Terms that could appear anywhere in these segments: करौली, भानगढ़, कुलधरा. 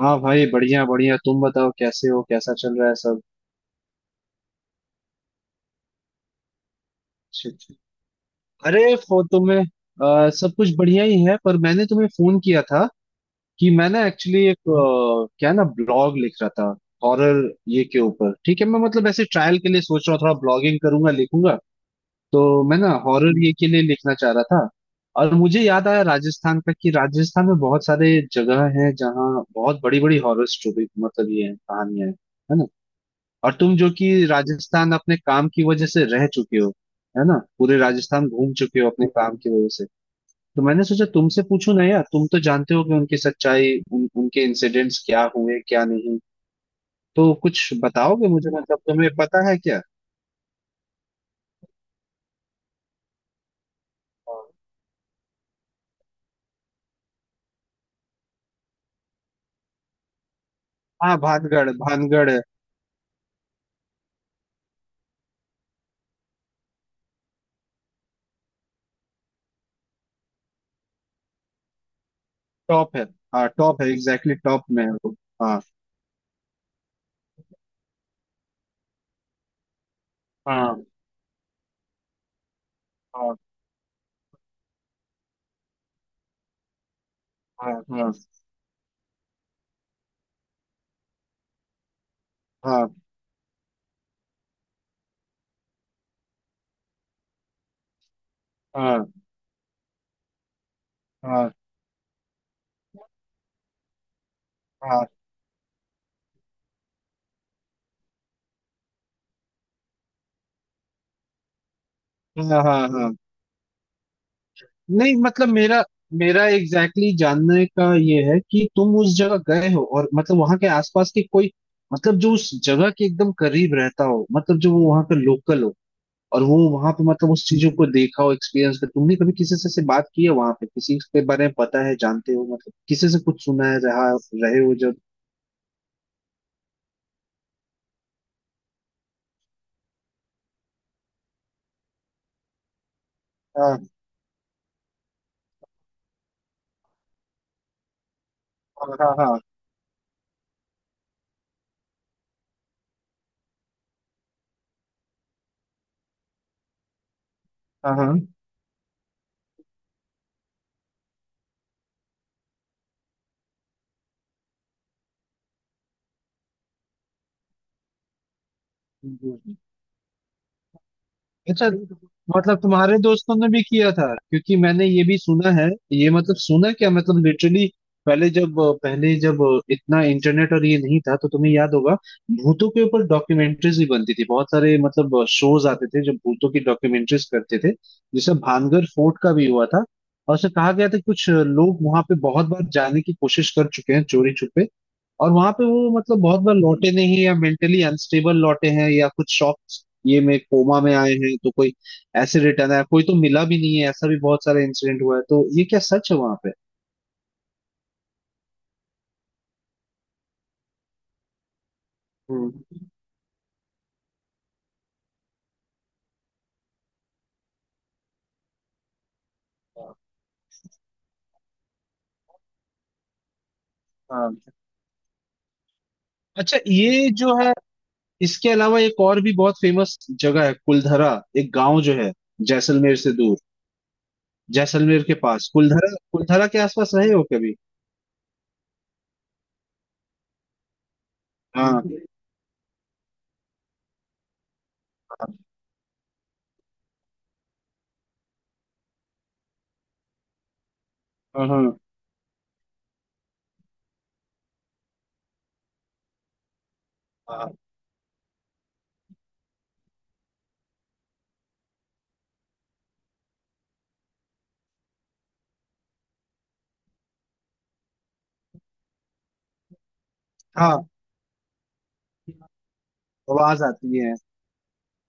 हाँ भाई, बढ़िया बढ़िया। तुम बताओ, कैसे हो, कैसा चल रहा है सब? अच्छा। अच्छा। अरे फो तुम्हें सब कुछ बढ़िया ही है, पर मैंने तुम्हें फोन किया था कि मैं ना एक्चुअली एक क्या ना, ब्लॉग लिख रहा था हॉरर ये के ऊपर। ठीक है, मैं मतलब ऐसे ट्रायल के लिए सोच रहा हूँ, थोड़ा ब्लॉगिंग करूंगा, लिखूंगा। तो मैं ना हॉरर ये के लिए लिखना चाह रहा था। और मुझे याद आया राजस्थान का, कि राजस्थान में बहुत सारे जगह हैं जहाँ बहुत बड़ी बड़ी हॉरर स्टोरी मतलब ये है, कहानियां हैं, है ना। और तुम जो कि राजस्थान अपने काम की वजह से रह चुके हो, है ना, पूरे राजस्थान घूम चुके हो अपने काम की वजह से। तो मैंने सोचा तुमसे पूछूं ना यार, तुम तो जानते हो कि उनकी सच्चाई, उनके इंसिडेंट्स क्या हुए क्या नहीं। तो कुछ बताओगे मुझे, मतलब तुम्हें पता है क्या? हाँ। हाँ, भानगढ़ भानगढ़। टॉप है। हाँ, टॉप है, एग्जैक्टली टॉप में है वो। हाँ। हाँ। हाँ। हाँ। हाँ। हाँ। हाँ। हाँ। हाँ। हाँ। हाँ। हाँ। नहीं, मतलब मेरा मेरा एग्जैक्टली exactly जानने का ये है कि तुम उस जगह गए हो, और मतलब वहां के आसपास के कोई, मतलब जो उस जगह के एकदम करीब रहता हो, मतलब जो वो वहां का लोकल हो। और वो वहां पे मतलब उस चीजों को देखा हो, एक्सपीरियंस कर, तुमने कभी किसी से बात की है वहां पे, किसी के बारे में पता है, जानते हो, मतलब किसी से कुछ सुना है, रहा रहे हो जब। हाँ। हाँ। हाँ। हाँ। हाँ। हाँ। अच्छा। मतलब तुम्हारे दोस्तों ने भी किया था, क्योंकि मैंने ये भी सुना है, ये मतलब सुना क्या मतलब लिटरली पहले जब पहले जब इतना इंटरनेट और ये नहीं था, तो तुम्हें याद होगा, भूतों के ऊपर डॉक्यूमेंट्रीज भी बनती थी, बहुत सारे मतलब शोज आते थे जो भूतों की डॉक्यूमेंट्रीज करते थे। जैसे भानगढ़ फोर्ट का भी हुआ था, और उसे कहा गया था कि कुछ लोग वहां पे बहुत बार जाने की कोशिश कर चुके हैं चोरी छुपे, और वहां पे वो मतलब बहुत बार लौटे नहीं, या मेंटली अनस्टेबल लौटे हैं, या कुछ शॉक ये में कोमा में आए हैं, तो कोई ऐसे रिटर्न आया, कोई तो मिला भी नहीं है, ऐसा भी बहुत सारा इंसिडेंट हुआ है। तो ये क्या सच है वहां पे? हम्म। हाँ। अच्छा, ये जो है, इसके अलावा एक और भी बहुत फेमस जगह है कुलधरा, एक गांव जो है जैसलमेर से दूर, जैसलमेर के पास। कुलधरा, कुलधरा के आसपास रहे हो कभी? हाँ। हाँ। हाँ। हाँ। हाँ, आवाज आती है।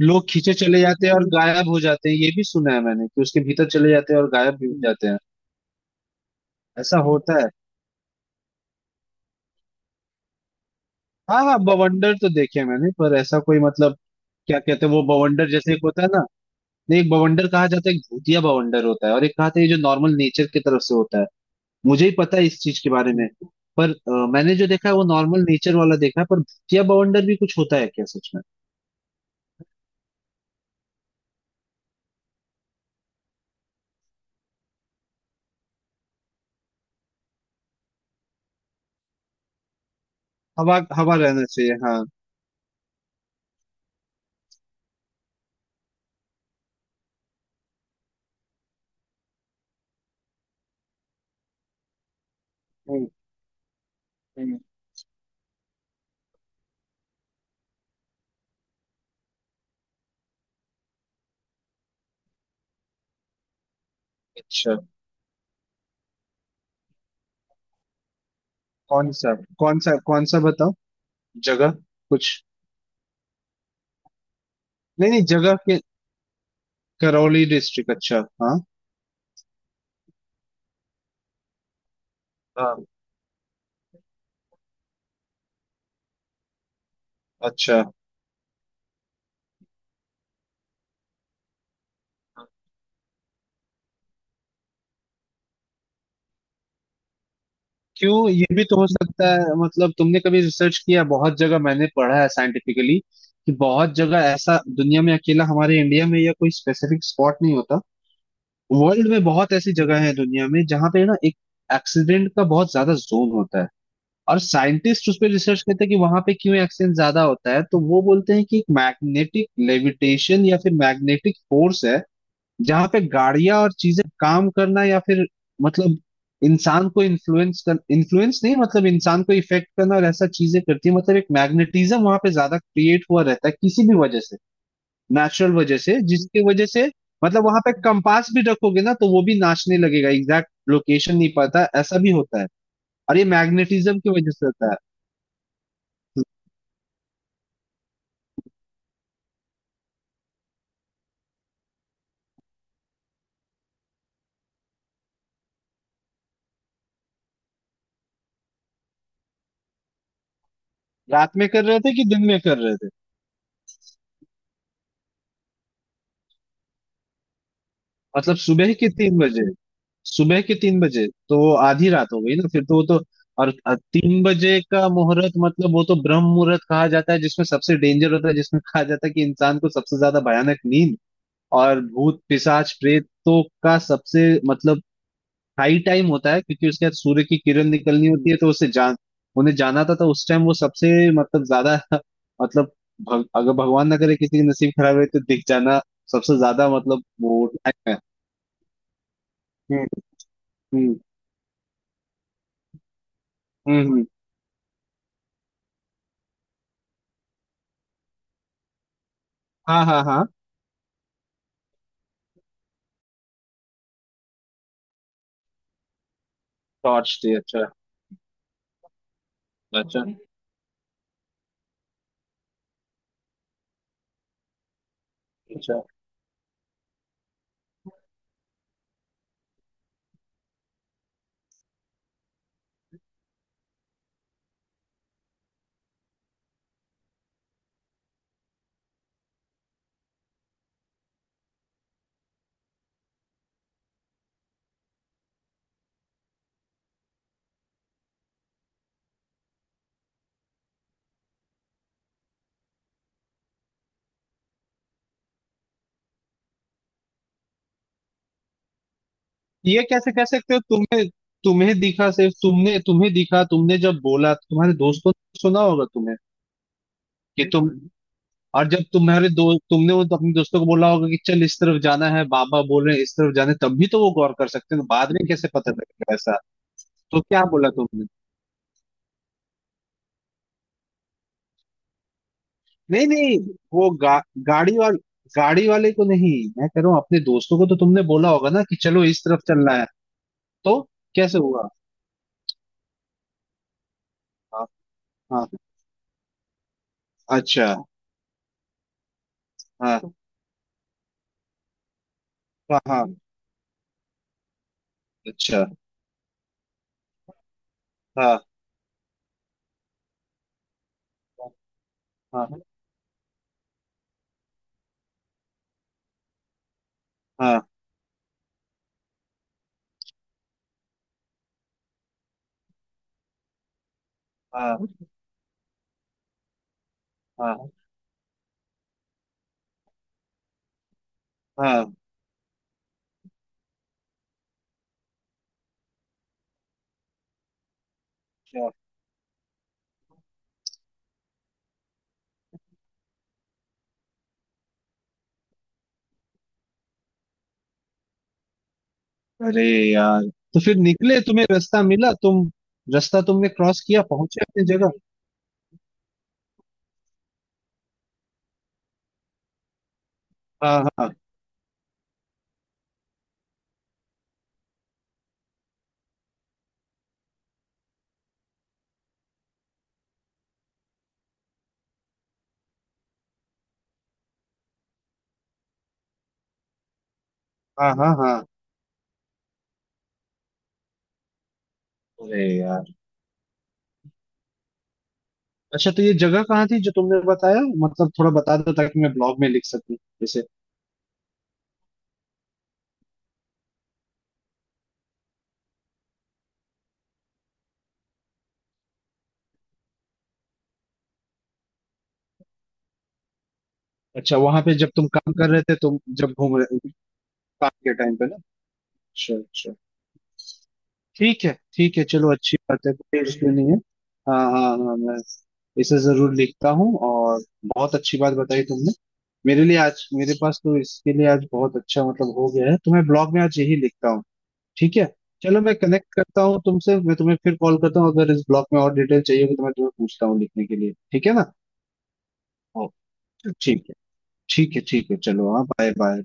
लोग खींचे चले जाते हैं और गायब हो जाते हैं, ये भी सुना है मैंने, कि उसके भीतर चले जाते हैं और गायब भी हो जाते हैं, ऐसा होता है। हाँ हाँ, बवंडर तो देखे हैं मैंने, पर ऐसा कोई मतलब, क्या कहते हैं वो बवंडर जैसे एक होता है ना। नहीं, एक बवंडर कहा जाता है, एक भूतिया बवंडर होता है और एक कहते हैं जो नॉर्मल नेचर की तरफ से होता है। मुझे ही पता है इस चीज के बारे में। पर मैंने जो देखा है वो नॉर्मल नेचर वाला देखा है, पर भूतिया बवंडर भी कुछ होता है क्या सच में? हवा, हवा रहना चाहिए हाँ। हम्म। हम्म। अच्छा, कौन सा? कौन सा बताओ। जगह, कुछ, नहीं नहीं जगह के। करौली डिस्ट्रिक्ट अच्छा, हाँ। हाँ। अच्छा, क्यों, ये भी तो हो सकता है मतलब, तुमने कभी रिसर्च किया, बहुत जगह मैंने पढ़ा है साइंटिफिकली, कि बहुत जगह ऐसा दुनिया में, अकेला हमारे इंडिया में या कोई स्पेसिफिक स्पॉट नहीं होता, वर्ल्ड में बहुत ऐसी जगह है दुनिया में जहां पे ना एक एक्सीडेंट का बहुत ज्यादा जोन होता है। और साइंटिस्ट उस पर रिसर्च करते हैं कि वहां पे क्यों एक्सीडेंट ज्यादा होता है, तो वो बोलते हैं कि एक मैग्नेटिक लेविटेशन या फिर मैग्नेटिक फोर्स है जहां पे गाड़ियां और चीजें काम करना, या फिर मतलब इंसान को इन्फ्लुएंस कर, इन्फ्लुएंस नहीं मतलब इंसान को इफेक्ट करना, और ऐसा चीजें करती है, मतलब एक मैग्नेटिज्म वहां पे ज्यादा क्रिएट हुआ रहता है किसी भी वजह से, नेचुरल वजह से, जिसकी वजह से मतलब वहां पे कंपास भी रखोगे ना तो वो भी नाचने लगेगा, एग्जैक्ट लोकेशन नहीं पता, ऐसा भी होता है, और ये मैग्नेटिज्म की वजह से होता है। रात में कर रहे थे कि दिन में कर रहे थे? मतलब सुबह के तीन बजे? सुबह के तीन बजे तो वो आधी रात हो गई ना फिर, तो वो तो, और तीन बजे का मुहूर्त, मतलब वो तो ब्रह्म मुहूर्त कहा जाता है, जिसमें सबसे डेंजर होता है, जिसमें कहा जाता है कि इंसान को सबसे ज्यादा भयानक नींद, और भूत पिशाच प्रेतों का सबसे मतलब हाई टाइम होता है, क्योंकि उसके बाद सूर्य की किरण निकलनी होती है, तो उसे जान, उन्हें जाना था तो उस टाइम वो सबसे मतलब ज्यादा मतलब अगर भगवान ना करे किसी की नसीब खराब रहे तो दिख जाना सबसे ज्यादा मतलब वो टाइम है। हम्म। हम्म। हम्म। हाँ। हाँ। हाँ। टॉर्च थी, अच्छा। अच्छा। अच्छा, ये कैसे कह सकते हो, तुम्हें, तुम्हें दिखा सिर्फ? तुमने, तुम्हें दिखा, तुमने जब बोला तुम्हारे दोस्तों ने सुना होगा तुम्हें कि तुम, और जब तुम्हारे दो, तुमने वो अपने दोस्तों को बोला होगा कि चल इस तरफ जाना है, बाबा बोल रहे हैं इस तरफ जाना है, तब भी तो वो गौर कर सकते हैं, बाद में कैसे पता लगेगा ऐसा? तो क्या बोला तुमने? नहीं नहीं, वो गाड़ी वाल, गाड़ी वाले को नहीं, मैं कह रहा हूँ अपने दोस्तों को तो तुमने बोला होगा ना कि चलो इस तरफ चलना है। तो कैसे हुआ? हाँ। अच्छा। हाँ। हाँ। हाँ। अच्छा। हाँ। हाँ। हाँ। हाँ। हाँ। हाँ। अच्छा। अरे यार, तो फिर निकले, तुम्हें रास्ता मिला, तुम रास्ता तुमने क्रॉस किया, पहुंचे अपनी जगह? हाँ। हाँ। हाँ। हाँ। हाँ। अरे यार, अच्छा, तो ये जगह कहाँ थी जो तुमने बताया, मतलब थोड़ा बता दो ताकि मैं ब्लॉग में लिख सकूं, जैसे। अच्छा, वहां पे जब तुम काम कर रहे थे, तुम जब घूम रहे, काम के टाइम पे ना। अच्छा, अच्छा। ठीक है, ठीक है, चलो अच्छी बात है, कोई इश्यू नहीं है। हाँ हाँ हाँ, मैं इसे जरूर लिखता हूँ, और बहुत अच्छी बात बताई तुमने, मेरे लिए आज, मेरे पास तो इसके लिए आज बहुत अच्छा मतलब हो गया है, तो मैं ब्लॉग में आज यही लिखता हूँ। ठीक है, चलो मैं कनेक्ट करता हूँ तुमसे, मैं तुम्हें फिर कॉल करता हूँ, अगर इस ब्लॉग में और डिटेल चाहिए होगी तो मैं तुम्हें पूछता हूँ लिखने के लिए, ठीक है ना? ओ, ठीक है। ठीक है, ठीक है, चलो, हाँ, बाय बाय।